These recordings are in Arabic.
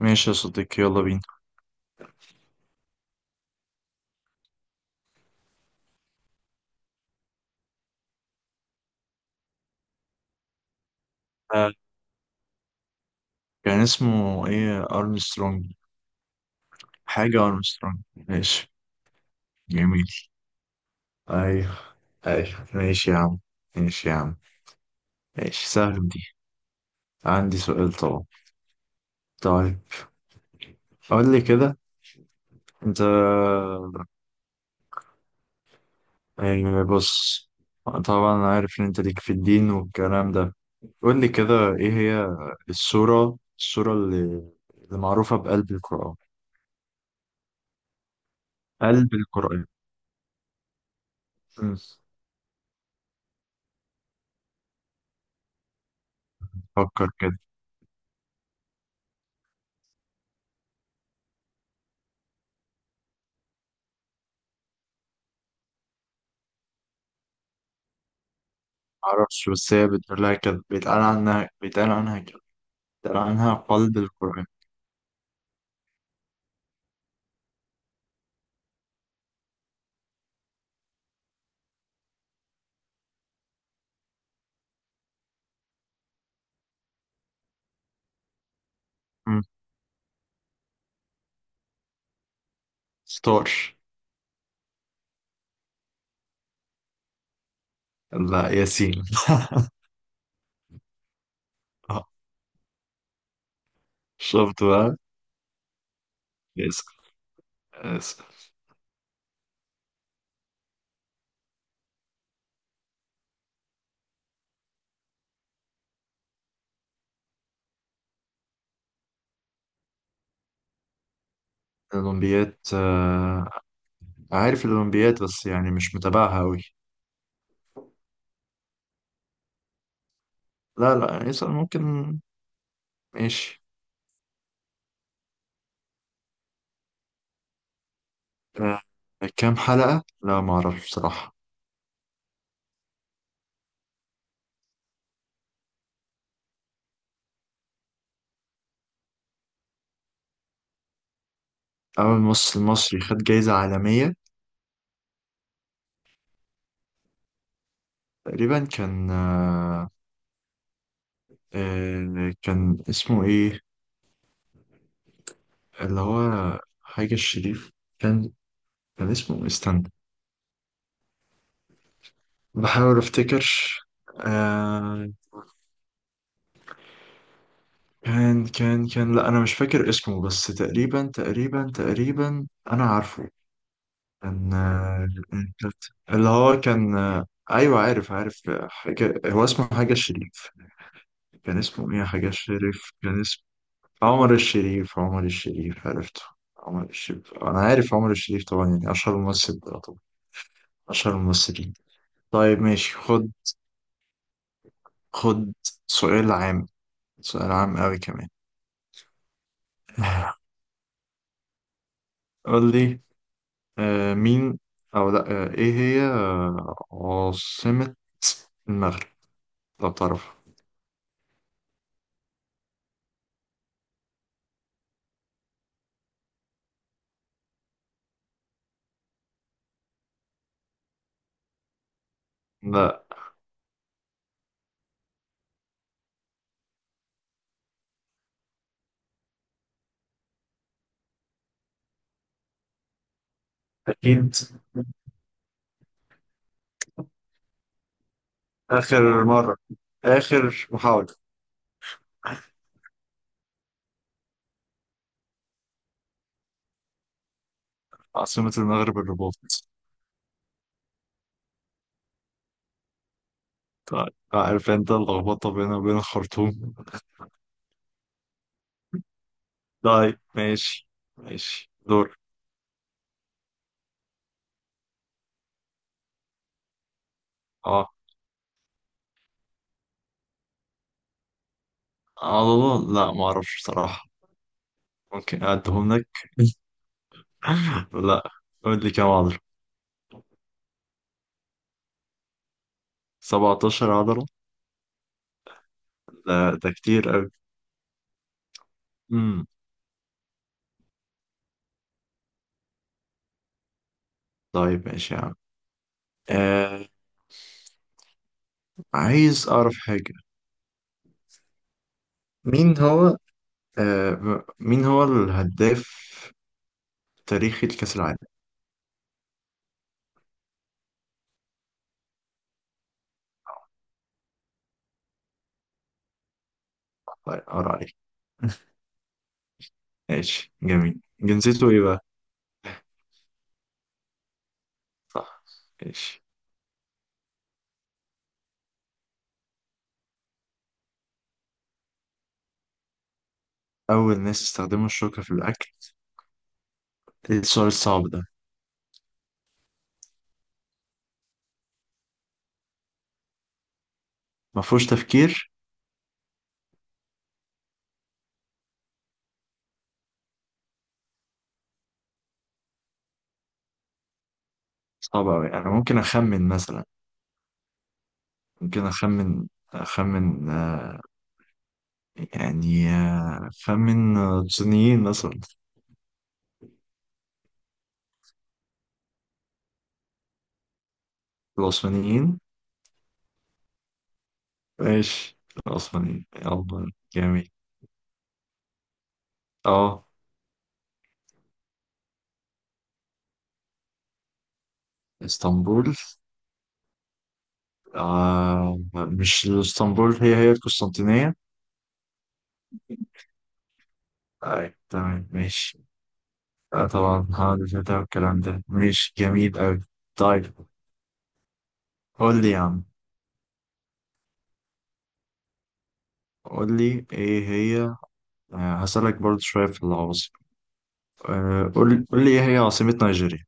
ماشي يا صديقي، يلا بينا. آه، كان اسمه ايه؟ ارمسترونج. حاجة ارمسترونج، ماشي جميل. ايوه، ايوه ماشي يا عم. ماشي يا عم. ماشي سهل دي. عندي سؤال طبعا. طيب قول لي كده. انت، يعني بص، طبعا انا عارف ان انت ليك في الدين والكلام ده. قول لي كده، ايه هي السورة اللي معروفة بقلب القرآن؟ قلب القرآن. مم. فكر كده. معرفش، بس هي بتقول لها كده، بيتقال عنها كده. بيتقال عنها قلب القرآن. مم. ستار. لا ياسين. آه، شفت بقى. ياسين. ياسين. الأولمبياد، عارف الأولمبياد بس يعني مش متابعها أوي. لا لا، يسأل ممكن. ماشي. آه، كام حلقة؟ لا ما أعرفش بصراحة. أول مصر المصري خد جايزة عالمية؟ تقريبا كان، كان اسمه إيه؟ اللي هو حاجة الشريف. كان، كان اسمه إيه؟ استنى بحاول افتكر. آه، كان لا انا مش فاكر اسمه، بس تقريبا انا عارفه. كان آه، اللي هو كان، آه ايوه عارف آه، حاجه هو اسمه حاجه الشريف. كان اسمه ايه؟ حاجه الشريف. كان اسمه عمر الشريف. عمر الشريف، عرفته. عمر الشريف، انا عارف عمر الشريف طبعا، يعني اشهر ممثل طبعا. اشهر الممثلين. طيب ماشي، خد. خد سؤال عام. سؤال عام قوي كمان. قول لي، آه مين، او لا آه ايه هي، آه عاصمة المغرب لو تعرف؟ لا، أكيد. آخر مرة. آخر محاولة. عاصمة المغرب الرباط. طيب عارف انت اللخبطة بينها وبين الخرطوم. طيب ماشي. ماشي دور. اه. عضلة؟ لا ما اعرفش بصراحة. ممكن اعدهم لك. لا، قول لي كام عضلة. 17 عضلة؟ لا ده كتير قوي. طيب ماشي يا عم. آه، عايز أعرف حاجة. مين هو، آه مين هو الهداف تاريخي لكأس العالم؟ طيب أقرأ عليك. ماشي جميل، جنسيته إيه بقى؟ صح. ماشي. أول ناس استخدموا الشوكة في الأكل؟ إيه السؤال الصعب ده؟ ما فيهوش تفكير. صعب أوي، أنا ممكن أخمن مثلا. ممكن أخمن آه، يعني أخمن آه، صينيين مثلا. العثمانيين؟ ماشي، العثمانيين يلا. جميل. اه. اسطنبول. آه مش اسطنبول، هي القسطنطينية. طيب تمام ماشي. آه طبعا هذا ده والكلام ده، ماشي جميل أوي. طيب قول لي يا عم. قول لي ايه هي، آه هسألك برضو شوية في العواصم. آه، قول لي ايه هي عاصمة نيجيريا؟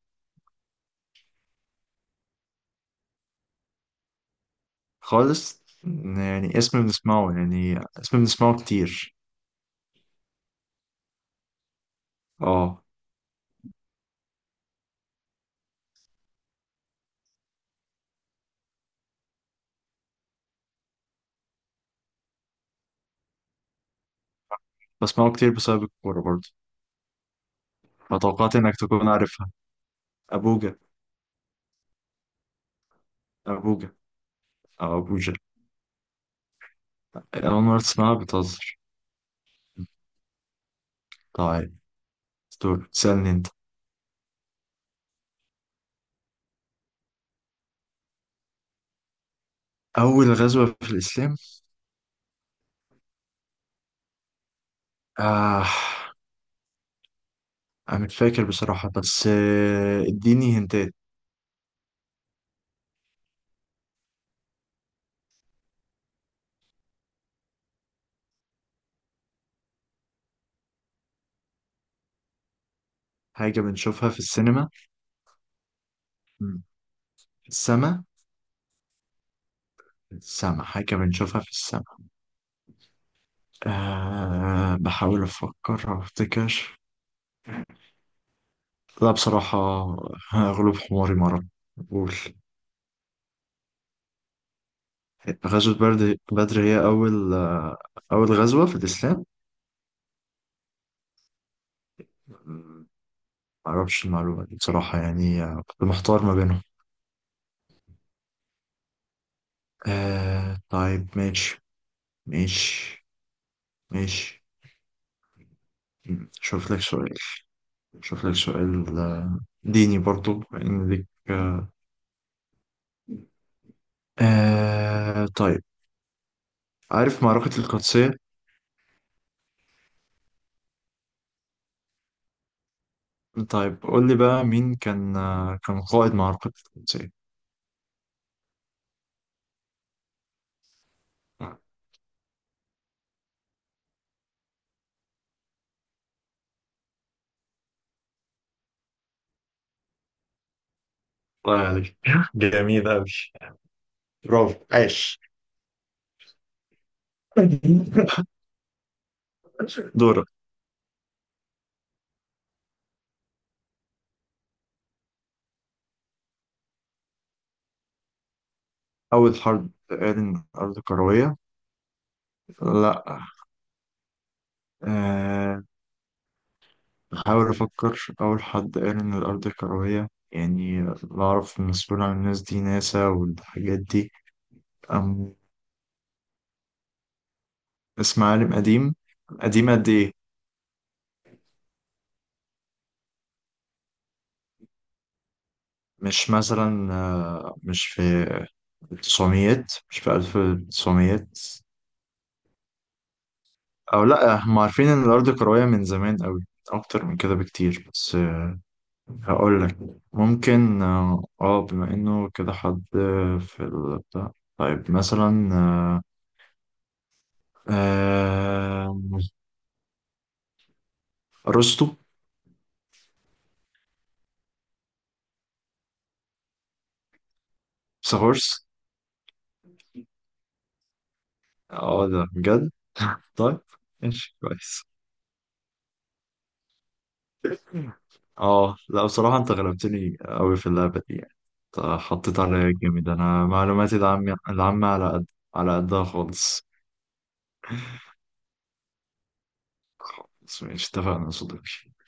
خالص؟ يعني اسم بنسمعه، يعني اسم بنسمعه كتير. اه. بسمعه كتير بسبب الكورة برضو، فتوقعت انك تكون عارفها. ابوجا. ابوجا. او ابوجا، اول مرة تسمعها؟ طيب، دور تسألني انت. أول غزوة في الإسلام؟ آه أنا مش فاكر بصراحة بس آه، اديني هنتات. حاجة بنشوفها في السينما؟ مم. السما. السما، حاجة بنشوفها في السما. آه بحاول أفكر أو أفتكر. لا بصراحة، غلوب حماري مرة. قول. غزوة بدر هي أول آه، أول غزوة في الإسلام. مم، معرفش المعلومة دي بصراحة، يعني آه، كنت محتار ما بينهم. آه طيب ماشي. ماشي. ماشي. شوف لك سؤال. شوف لك سؤال آه، ديني برضو لأن ليك. آه طيب، عارف معركة القادسية؟ طيب قول لي بقى، مين كان آه، كان قائد معركة القادسية؟ الله عليك، جميل أوي. برافو، عاش. دورك. أول حرب تقال إن الأرض كروية؟ لا. آه، بحاول أفكر. أول حد قال إن الأرض كروية، يعني بعرف مسؤول عن الناس دي ناسا والحاجات دي. أم. اسم عالم قديم؟ قديم قد إيه؟ مش مثلا آه، مش في التسعميات، مش في ألف التسعميات؟ أو لأ، هم عارفين إن الأرض كروية من زمان أوي، أكتر من كده بكتير. بس آه، هقول لك، ممكن آه بما إنه كده حد في البتاع. طيب مثلا، آه، آه، ارسطو. سهورس. اه ده بجد؟ طيب، ماشي كويس. اه لا بصراحة انت غلبتني قوي في اللعبة دي يعني. انت حطيت عليا جامد، انا معلوماتي العامة على قد، على قدها خالص. بس ماشي، اتفقنا يا صديقي.